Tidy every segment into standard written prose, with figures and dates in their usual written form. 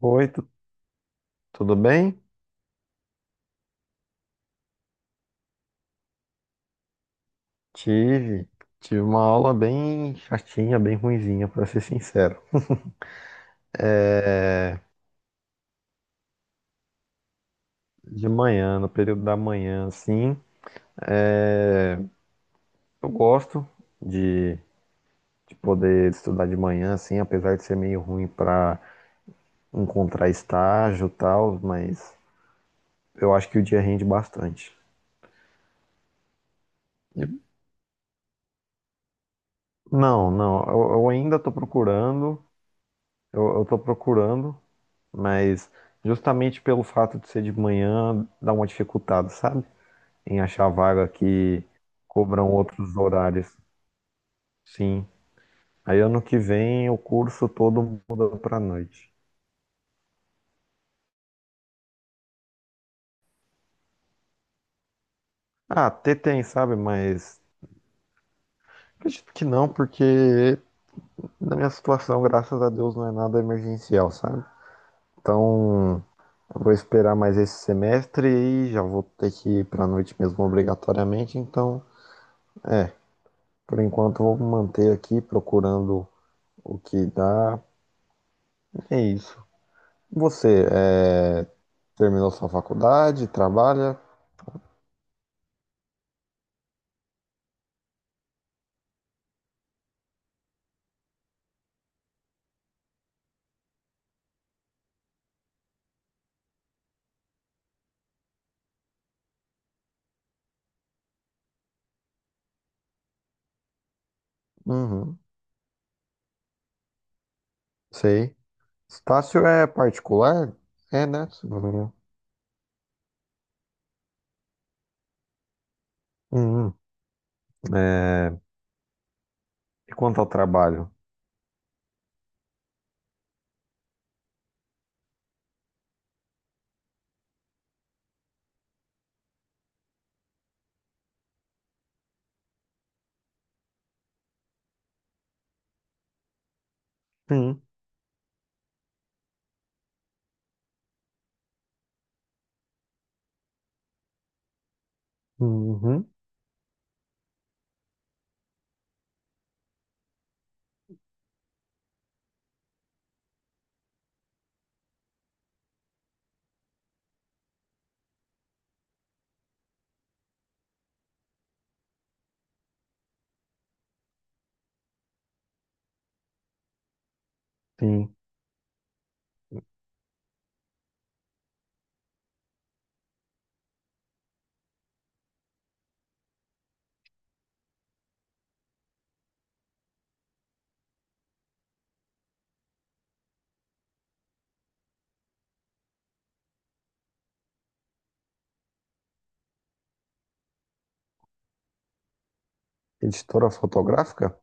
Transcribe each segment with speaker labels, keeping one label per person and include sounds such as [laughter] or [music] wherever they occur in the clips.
Speaker 1: Oi, tudo bem? Tive, tive uma aula bem chatinha, bem ruinzinha, pra ser sincero. É, de manhã, no período da manhã, assim, é, eu gosto de, de poder estudar de manhã, assim, apesar de ser meio ruim pra encontrar estágio e tal, mas eu acho que o dia rende bastante. E- Não, não, eu ainda tô procurando, eu tô procurando, mas justamente pelo fato de ser de manhã, dá uma dificultada, sabe? Em achar vaga que cobram outros horários. Sim. Aí ano que vem o curso todo muda pra noite. Ah, até tem, sabe? Mas acredito que não, porque na minha situação, graças a Deus, não é nada emergencial, sabe? Então, eu vou esperar mais esse semestre e já vou ter que ir pra noite mesmo obrigatoriamente. Então, é, por enquanto eu vou me manter aqui procurando o que dá é isso. Você terminou sua faculdade, trabalha? Uhum, sei. Estácio é particular? É, né? Uhum. É, e quanto ao trabalho? Sim. Uhum. Sim. Editora fotográfica?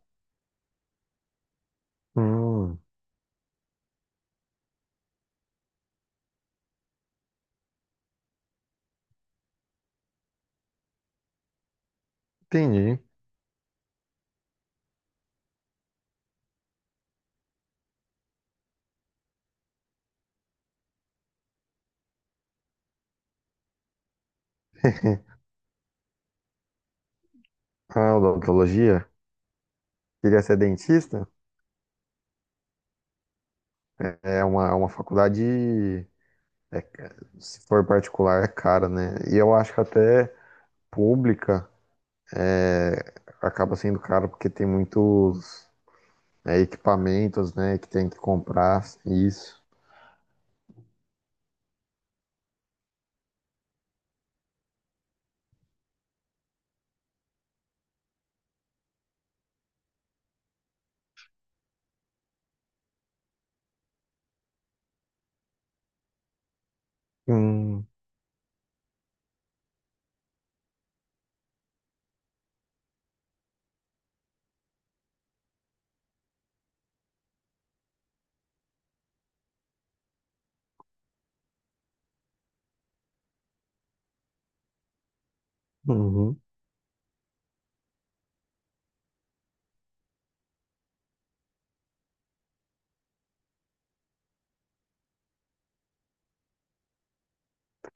Speaker 1: Hum, entendi. [laughs] Ah, odontologia? Queria ser dentista? É é uma, faculdade, é, se for particular, é cara, né? E eu acho que até pública acaba sendo caro porque tem muitos equipamentos, né, que tem que comprar isso. Hum, uhum.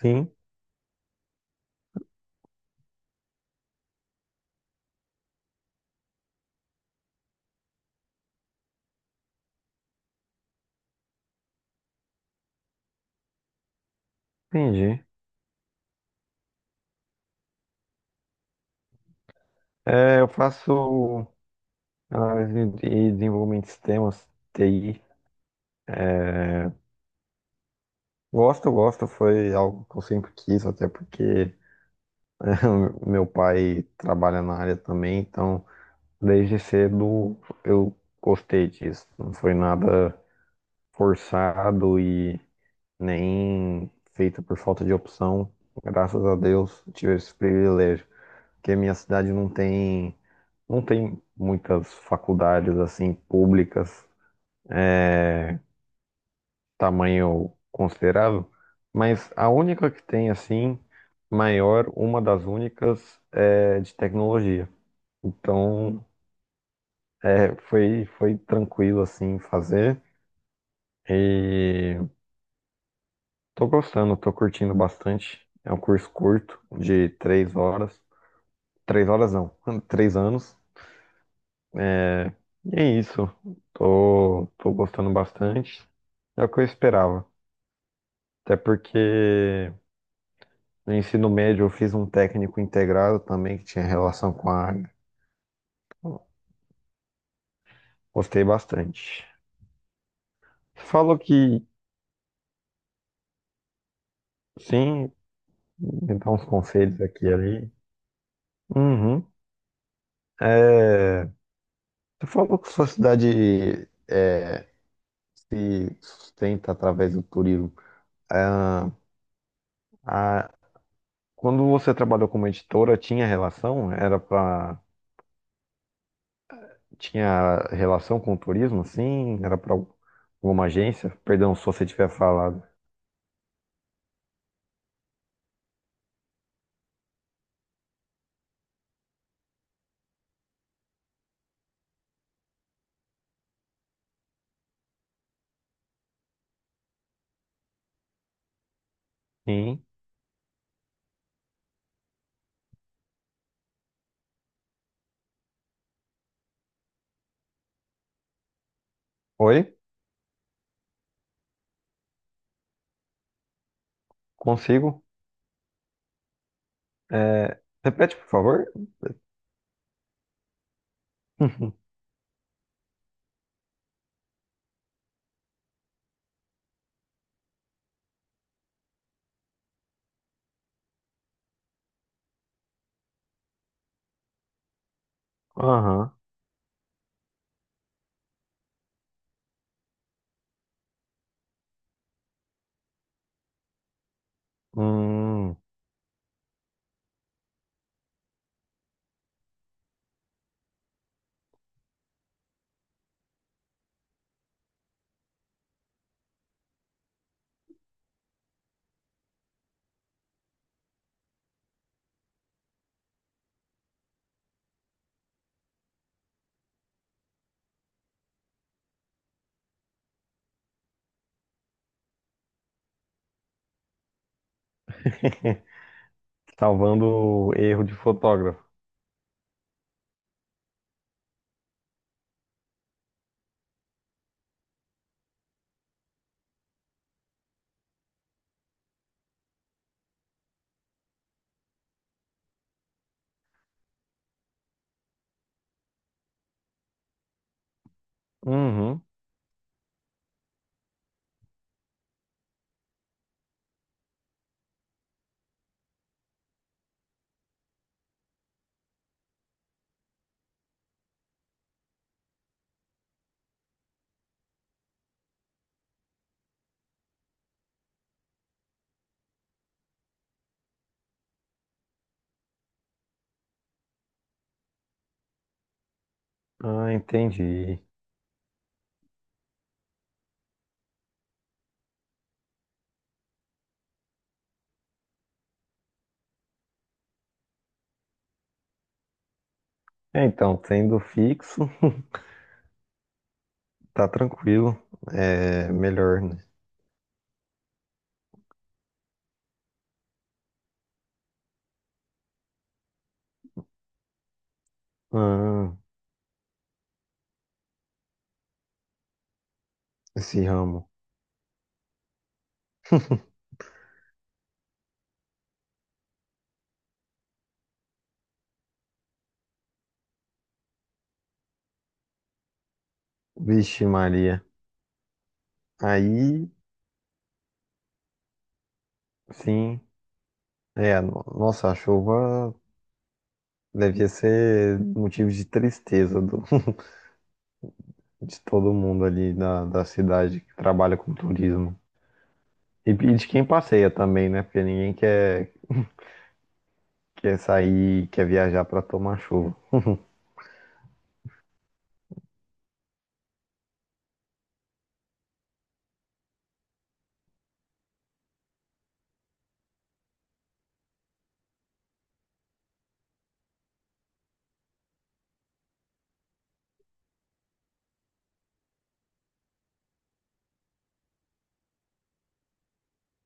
Speaker 1: Sim, entendi. Eu faço análise e desenvolvimento de sistemas, TI. Gosto, gosto, foi algo que eu sempre quis, até porque [laughs] meu pai trabalha na área também, então desde cedo eu gostei disso. Não foi nada forçado e nem feita por falta de opção. Graças a Deus tive esse privilégio, porque a minha cidade não tem muitas faculdades assim públicas, é, tamanho considerável, mas a única que tem assim maior, uma das únicas é de tecnologia. Então, foi tranquilo assim fazer e tô gostando, tô curtindo bastante. É um curso curto de três horas. Três horas não, [laughs] três anos. É, E é isso. Tô gostando bastante. É o que eu esperava. Até porque no ensino médio eu fiz um técnico integrado também que tinha relação com a área. Gostei bastante. Falou que sim, me dá uns conselhos aqui e ali. Uhum. É, Você falou que sua cidade se sustenta através do turismo. Ah, A, Quando você trabalhou como editora, tinha relação? Era para Tinha relação com o turismo, assim? Era para alguma agência? Perdão, se você tiver falado. Sim. Oi? Consigo? Repete, por favor. [laughs] Aham. Hum. [laughs] Salvando o erro de fotógrafo. Uhum. Ah, entendi. Então, sendo fixo, tá tranquilo. É melhor, né? Ah, esse ramo. [laughs] Vixe, Maria. Aí, sim, nossa, a chuva devia ser motivo de tristeza [laughs] de todo mundo ali da, cidade que trabalha com turismo. E de quem passeia também, né? Porque ninguém quer sair, quer viajar para tomar chuva.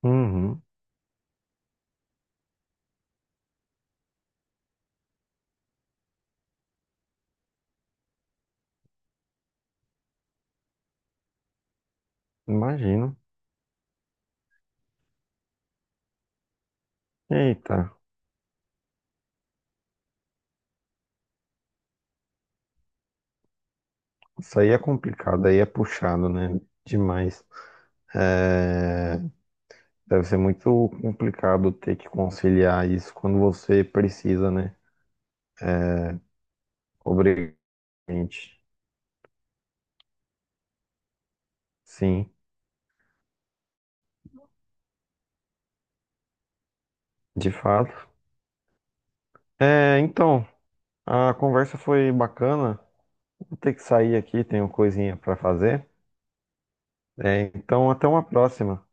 Speaker 1: Uhum, imagino. Eita, isso aí é complicado, aí é puxado, né? Demais. É, Deve ser muito complicado ter que conciliar isso quando você precisa, né? Obrigante. Sim. De fato. Então, a conversa foi bacana. Vou ter que sair aqui, tenho coisinha para fazer. Então, até uma próxima.